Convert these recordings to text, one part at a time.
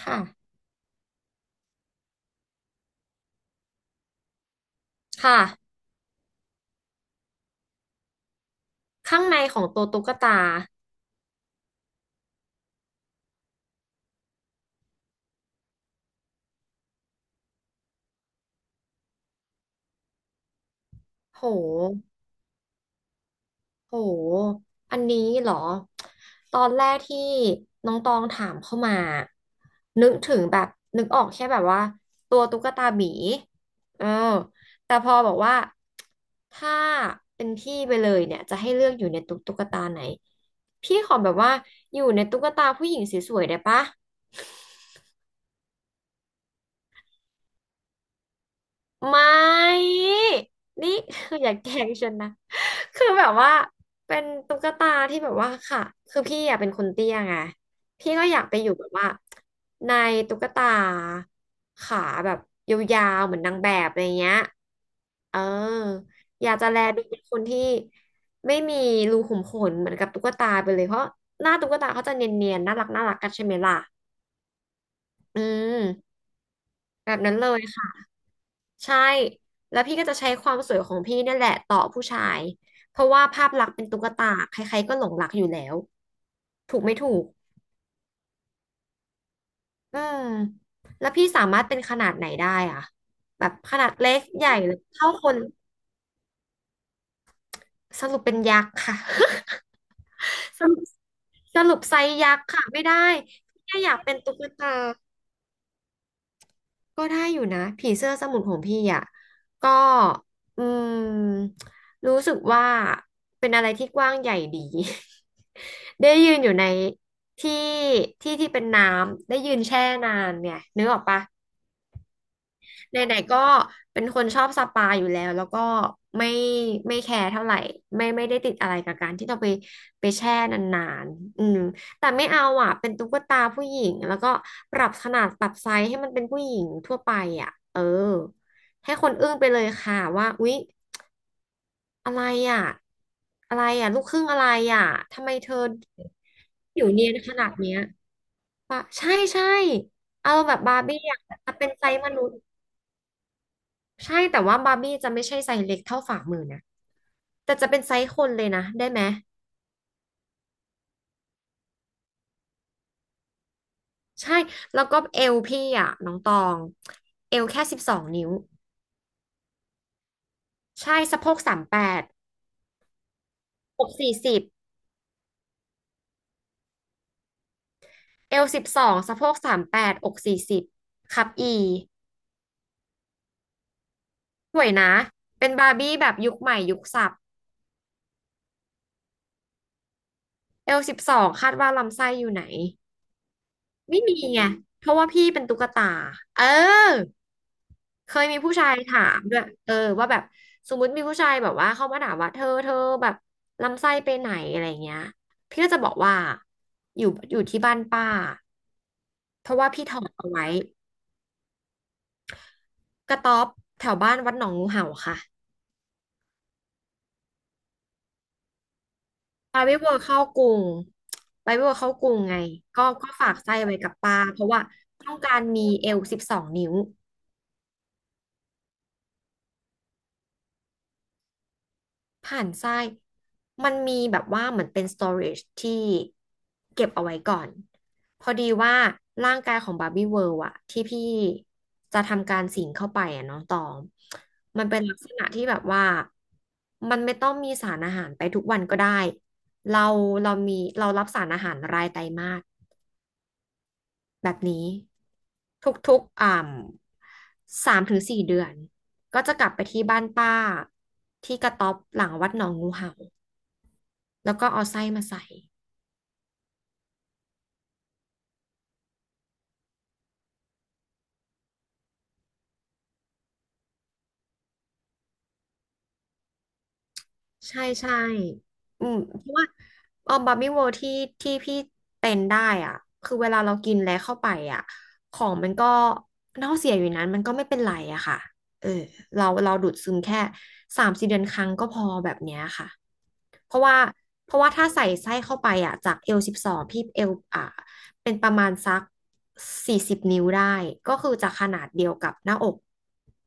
ค่ะค่ะข้างในของตัวตุ๊กตาโหโหอันนี้เหรอตอนแรกที่น้องตองถามเข้ามานึกถึงแบบนึกออกแค่แบบว่าตัวตุ๊กตาหมีเออแต่พอบอกว่าถ้าเป็นพี่ไปเลยเนี่ยจะให้เลือกอยู่ในตุ๊กตาไหนพี่ขอแบบว่าอยู่ในตุ๊กตาผู้หญิงสวยๆได้ปะไม่นี่ อย่าแกล้งฉันนะ คือแบบว่าเป็นตุ๊กตาที่แบบว่าค่ะคือพี่อาะเป็นคนเตี้ยไงพี่ก็อยากไปอยู่แบบว่าในตุ๊กตาขาแบบยาวๆเหมือนนางแบบอะไรเงี้ยเอออยากจะแลดูเป็นคนที่ไม่มีรูขุมขนเหมือนกับตุ๊กตาไปเลยเพราะหน้าตุ๊กตาเขาจะเนียนๆน่ารักน่ารักกันใช่ไหมล่ะอืมแบบนั้นเลย ใช่ แล้วพี่ก็จะใช้ความสวยของพี่เนี่ยแหละต่อผู้ชายเพราะว่าภาพลักษณ์เป็นตุ๊กตาใครๆก็หลงรักอยู่แล้วถูกไม่ถูกอืมแล้วพี่สามารถเป็นขนาดไหนได้อะแบบขนาดเล็กใหญ่หรือเท่าคนสรุปเป็นยักษ์ค่ะ สรุปสรุปไซส์ยักษ์ค่ะไม่ได้พี่แค่อยากเป็นตุ๊กตา ก็ได้อยู่นะผีเสื้อสมุนของพี่อ่ะก็อืมรู้สึกว่าเป็นอะไรที่กว้างใหญ่ดี ได้ยืนอยู่ในที่ที่ที่เป็นน้ำได้ยืนแช่นานเนี่ยนึกออกปะ ไหนๆก็เป็นคนชอบสปาอยู่แล้วแล้วก็ไม่ไม่แคร์เท่าไหร่ไม่ไม่ได้ติดอะไรกับการที่เราไปไปแช่นานๆอืมแต่ไม่เอาอ่ะเป็นตุ๊กตาผู้หญิงแล้วก็ปรับขนาดปรับไซส์ให้มันเป็นผู้หญิงทั่วไปอ่ะเออให้คนอึ้งไปเลยค่ะว่าอุ๊ยอะไรอ่ะอะไรอ่ะลูกครึ่งอะไรอ่ะทำไมเธอผิวเนียนขนาดเนี้ยปะใช่ใช่เอาแบบบาร์บี้อ่ะแต่เป็นไซส์มนุษย์ ใช่แต่ว่าบาร์บี้จะไม่ใช่ไซส์เล็กเท่าฝ่ามือนะแต่จะเป็นไซส์คนเลยนะได้ไหมใช่แล้วก็เอวพี่อ่ะน้องตองเอวแค่สิบสองนิ้วใช่สะโพกสามแปดอกสี่สิบเอวสิบสองสะโพกสามแปดอกสี่สิบครับอีสวยนะเป็นบาร์บี้แบบยุคใหม่ยุคสับเอลสิบสองคาดว่าลำไส้อยู่ไหนไม่มีไงเพราะว่าพี่เป็นตุ๊กตาเออ เคยมีผู้ชายถามด้วยเออว่าแบบสมมติมีผู้ชายแบบว่าเข้ามาถามว่าเธอเธอแบบลำไส้ไปไหนอะไรเงี้ยพี่ก็จะบอกว่าอยู่อยู่ที่บ้านป้าเพราะว่าพี่ถอดเอาไว้กระต๊อบแถวบ้านวัดหนองงูเห่าค่ะไปวิเวอร์เข้ากรุงไปไม่เวอร์เข้ากรุงไงก็ฝากไส้ไว้กับป้าเพราะว่าต้องการมีเอวสิบสองนิ้ว ผ่านทรายมันมีแบบว่าเหมือนเป็น storage ที่เก็บเอาไว้ก่อนพอดีว่าร่างกายของบาร์บี้เวิลด์อะที่พี่จะทำการสิงเข้าไปอะน้องตองมันเป็นลักษณะที่แบบว่ามันไม่ต้องมีสารอาหารไปทุกวันก็ได้ เราเรามีเรารับสารอาหารรายไตรมาสแบบนี้ทุกๆอ่ำ3 ถึง 4 เดือนก็จะกลับไปที่บ้านป้าที่กระต๊อบหลังวัดหนองงูเห่า แล้วก็เอาไส้มาใส่ใช่ใช่อืมเพราะว่าเออบาร์บี้เวิลด์ที่ที่พี่เป็นได้อ่ะคือเวลาเรากินแล้วเข้าไปอ่ะของมันก็เน่าเสียอยู่นั้นมันก็ไม่เป็นไรอะค่ะเออเราเราดูดซึมแค่3-4 เดือนครั้งก็พอแบบเนี้ยค่ะเพราะว่าเพราะว่าถ้าใส่ไส้เข้าไปอ่ะจากเอลสิบสองพี่เอลอ่ะเป็นประมาณสัก40 นิ้วได้ก็คือจะขนาดเดียวกับหน้าอก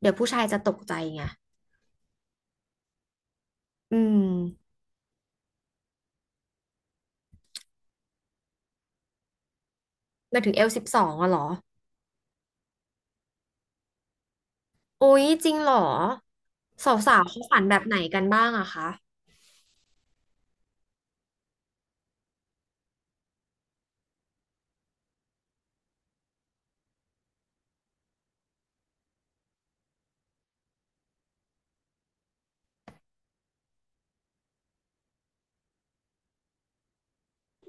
เดี๋ยวผู้ชายจะตกใจไงอืม หมายถึงเอล12อะเหรอโอ้ยจริงเหรอสาวๆเขาฝันแบบไหนกันบ้างอะคะ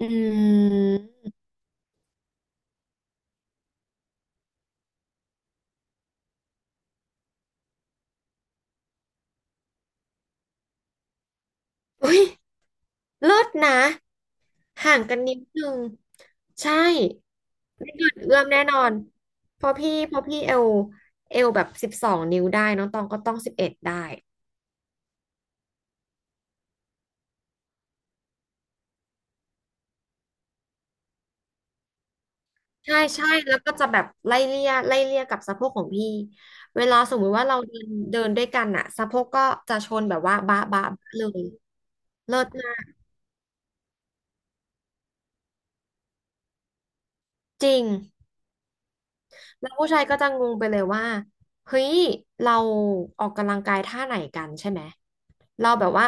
อืมอุ้ยเลิศนะห่างกันนิดนึงใช่ไม่เกินเอื้อมแน่นอนเพราะพี่เอลแบบสิบสองนิ้วได้น้องตองก็ต้อง11ได้ใช่ใช่แล้วก็จะแบบไล่เลี่ยไล่เลี่ยกับสะโพกของพี่เวลาสมมุติว่าเราเดินเดินด้วยกันอะสะโพกก็จะชนแบบว่าบะบะบะเลยเลิศมากจริง แล้วผู้ชายก็จะงงไปเลยว่าเฮ้ยเราออกกำลังกายท่าไหนกันใช่ไหมเราแบบว่า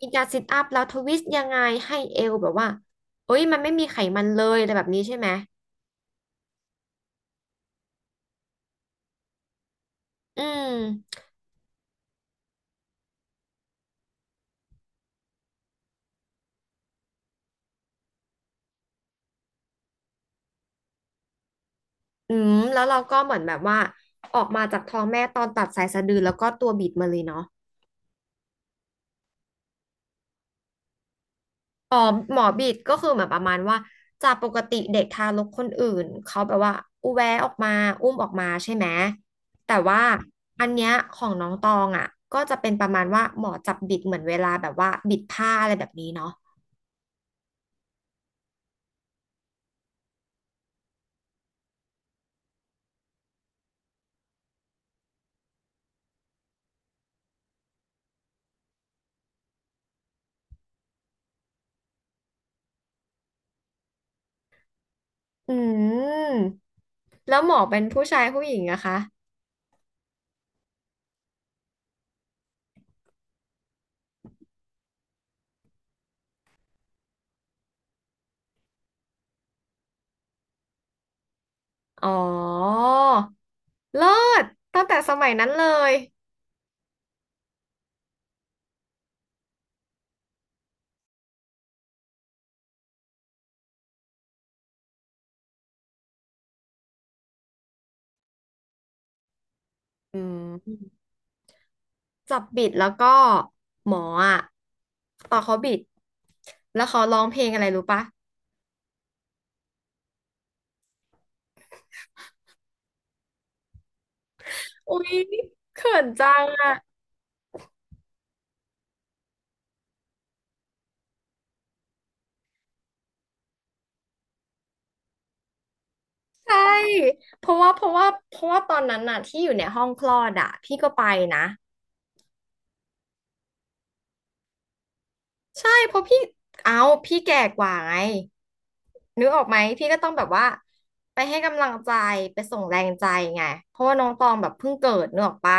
มีการซิทอัพแล้วทวิสต์ยังไงให้เอวแบบว่าเอ้ยมันไม่มีไขมันเลยอะไรแบบนี้ใช่ไหมอืมอืมแล้วเราก็เหมือนแบบว่าออกมาจากท้องแม่ตอนตัดสายสะดือแล้วก็ตัวบิดมาเลยเนาะ อ๋อหมอบีดก็คือเหมือนประมาณว่าจากปกติเด็กทารกคนอื่นเขาแบบว่าอุแวะออกมาอุ้มออกมาใช่ไหมแต่ว่าอันเนี้ยของน้องตองอ่ะก็จะเป็นประมาณว่าหมอจับบิดเหมือนเวลาแบบว่าบิดผ้าอะไรแบบนี้เนาะอืมแล้วหมอเป็นผู้ชายผู้หญิงอะคะอ๋อเลิศตั้งแต่สมัยนั้นเลยอืมจับบิดแล้วก็หมออะตอนเขาบิดแล้วเขาร้องเพลงอะไรรู้ปะ อุ๊ยเขินจังอ่ะใช่เพราะว่าเพราะว่าเพราะว่าตอนนั้นน่ะที่อยู่ในห้องคลอดอ่ะพี่ก็ไปนะใช่เพราะพี่เอาพี่แก่กว่าไงนึกออกไหมพี่ก็ต้องแบบว่าไปให้กำลังใจไปส่งแรงใจไงเพราะว่าน้องตองแบบเพิ่งเกิดนึกออกปะ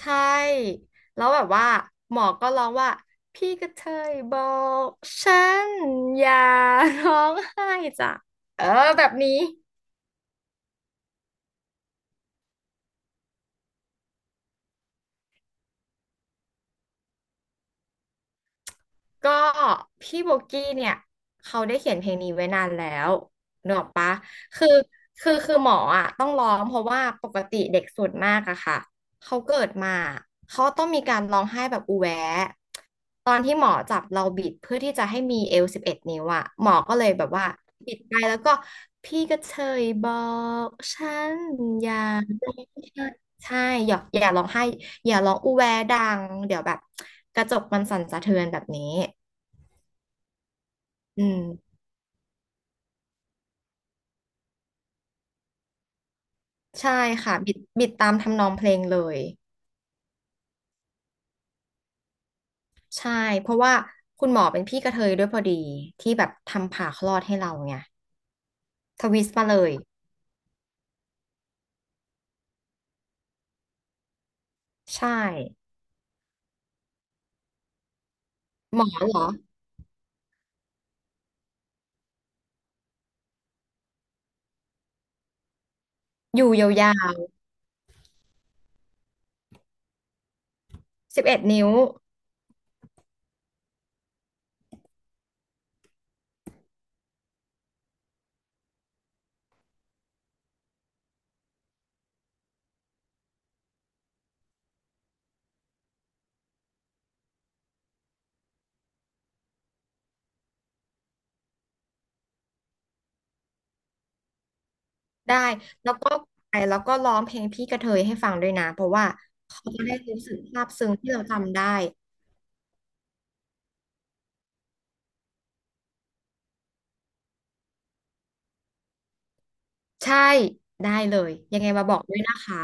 ใช่แล้วแบบว่าหมอก็ร้องว่าพี่กระเทยบอกฉันอย่าร้องไห้จ้ะเออแบบนี้ ก็พี่โบกี้เนี่ยเขาได้เขียนเพลงนี้ไว้นานแล้วเนกอะปะคือคือหมออ่ะต้องร้องเพราะว่าปกติเด็กส่วนมากอะค่ะเขาเกิดมาเขาต้องมีการร้องไห้แบบอูแวะตอนที่หมอจับเราบิดเพื่อที่จะให้มีเอวสิบเอ็ดนิ้วอะหมอก็เลยแบบว่าบิดไปแล้วก็พี่ก็เชยบอกฉันอย่าใช่อย่าร้องไห้อย่าร้องอูแวดังเดี๋ยวแบบกระจกมันสั่นสะเทือนแบบนี้ อืมใช่ค่ะบิดตามทำนองเพลงเลยใช่เพราะว่าคุณหมอเป็นพี่กระเทยด้วยพอดีที่แบบทำผ่าคลอดให้เราไงทวิสต์มาเลยใช่หมอเหรออยู่ยาวๆสิบเอ็ดนิ้วได้แล้วก็ไปแล้วก็ร้องเพลงพี่กระเทยให้ฟังด้วยนะเพราะว่าเขาจะได้รู้สึกซาบซึ้งที่เราจำได้ใช่ได้เลยยังไงมาบอกด้วยนะคะ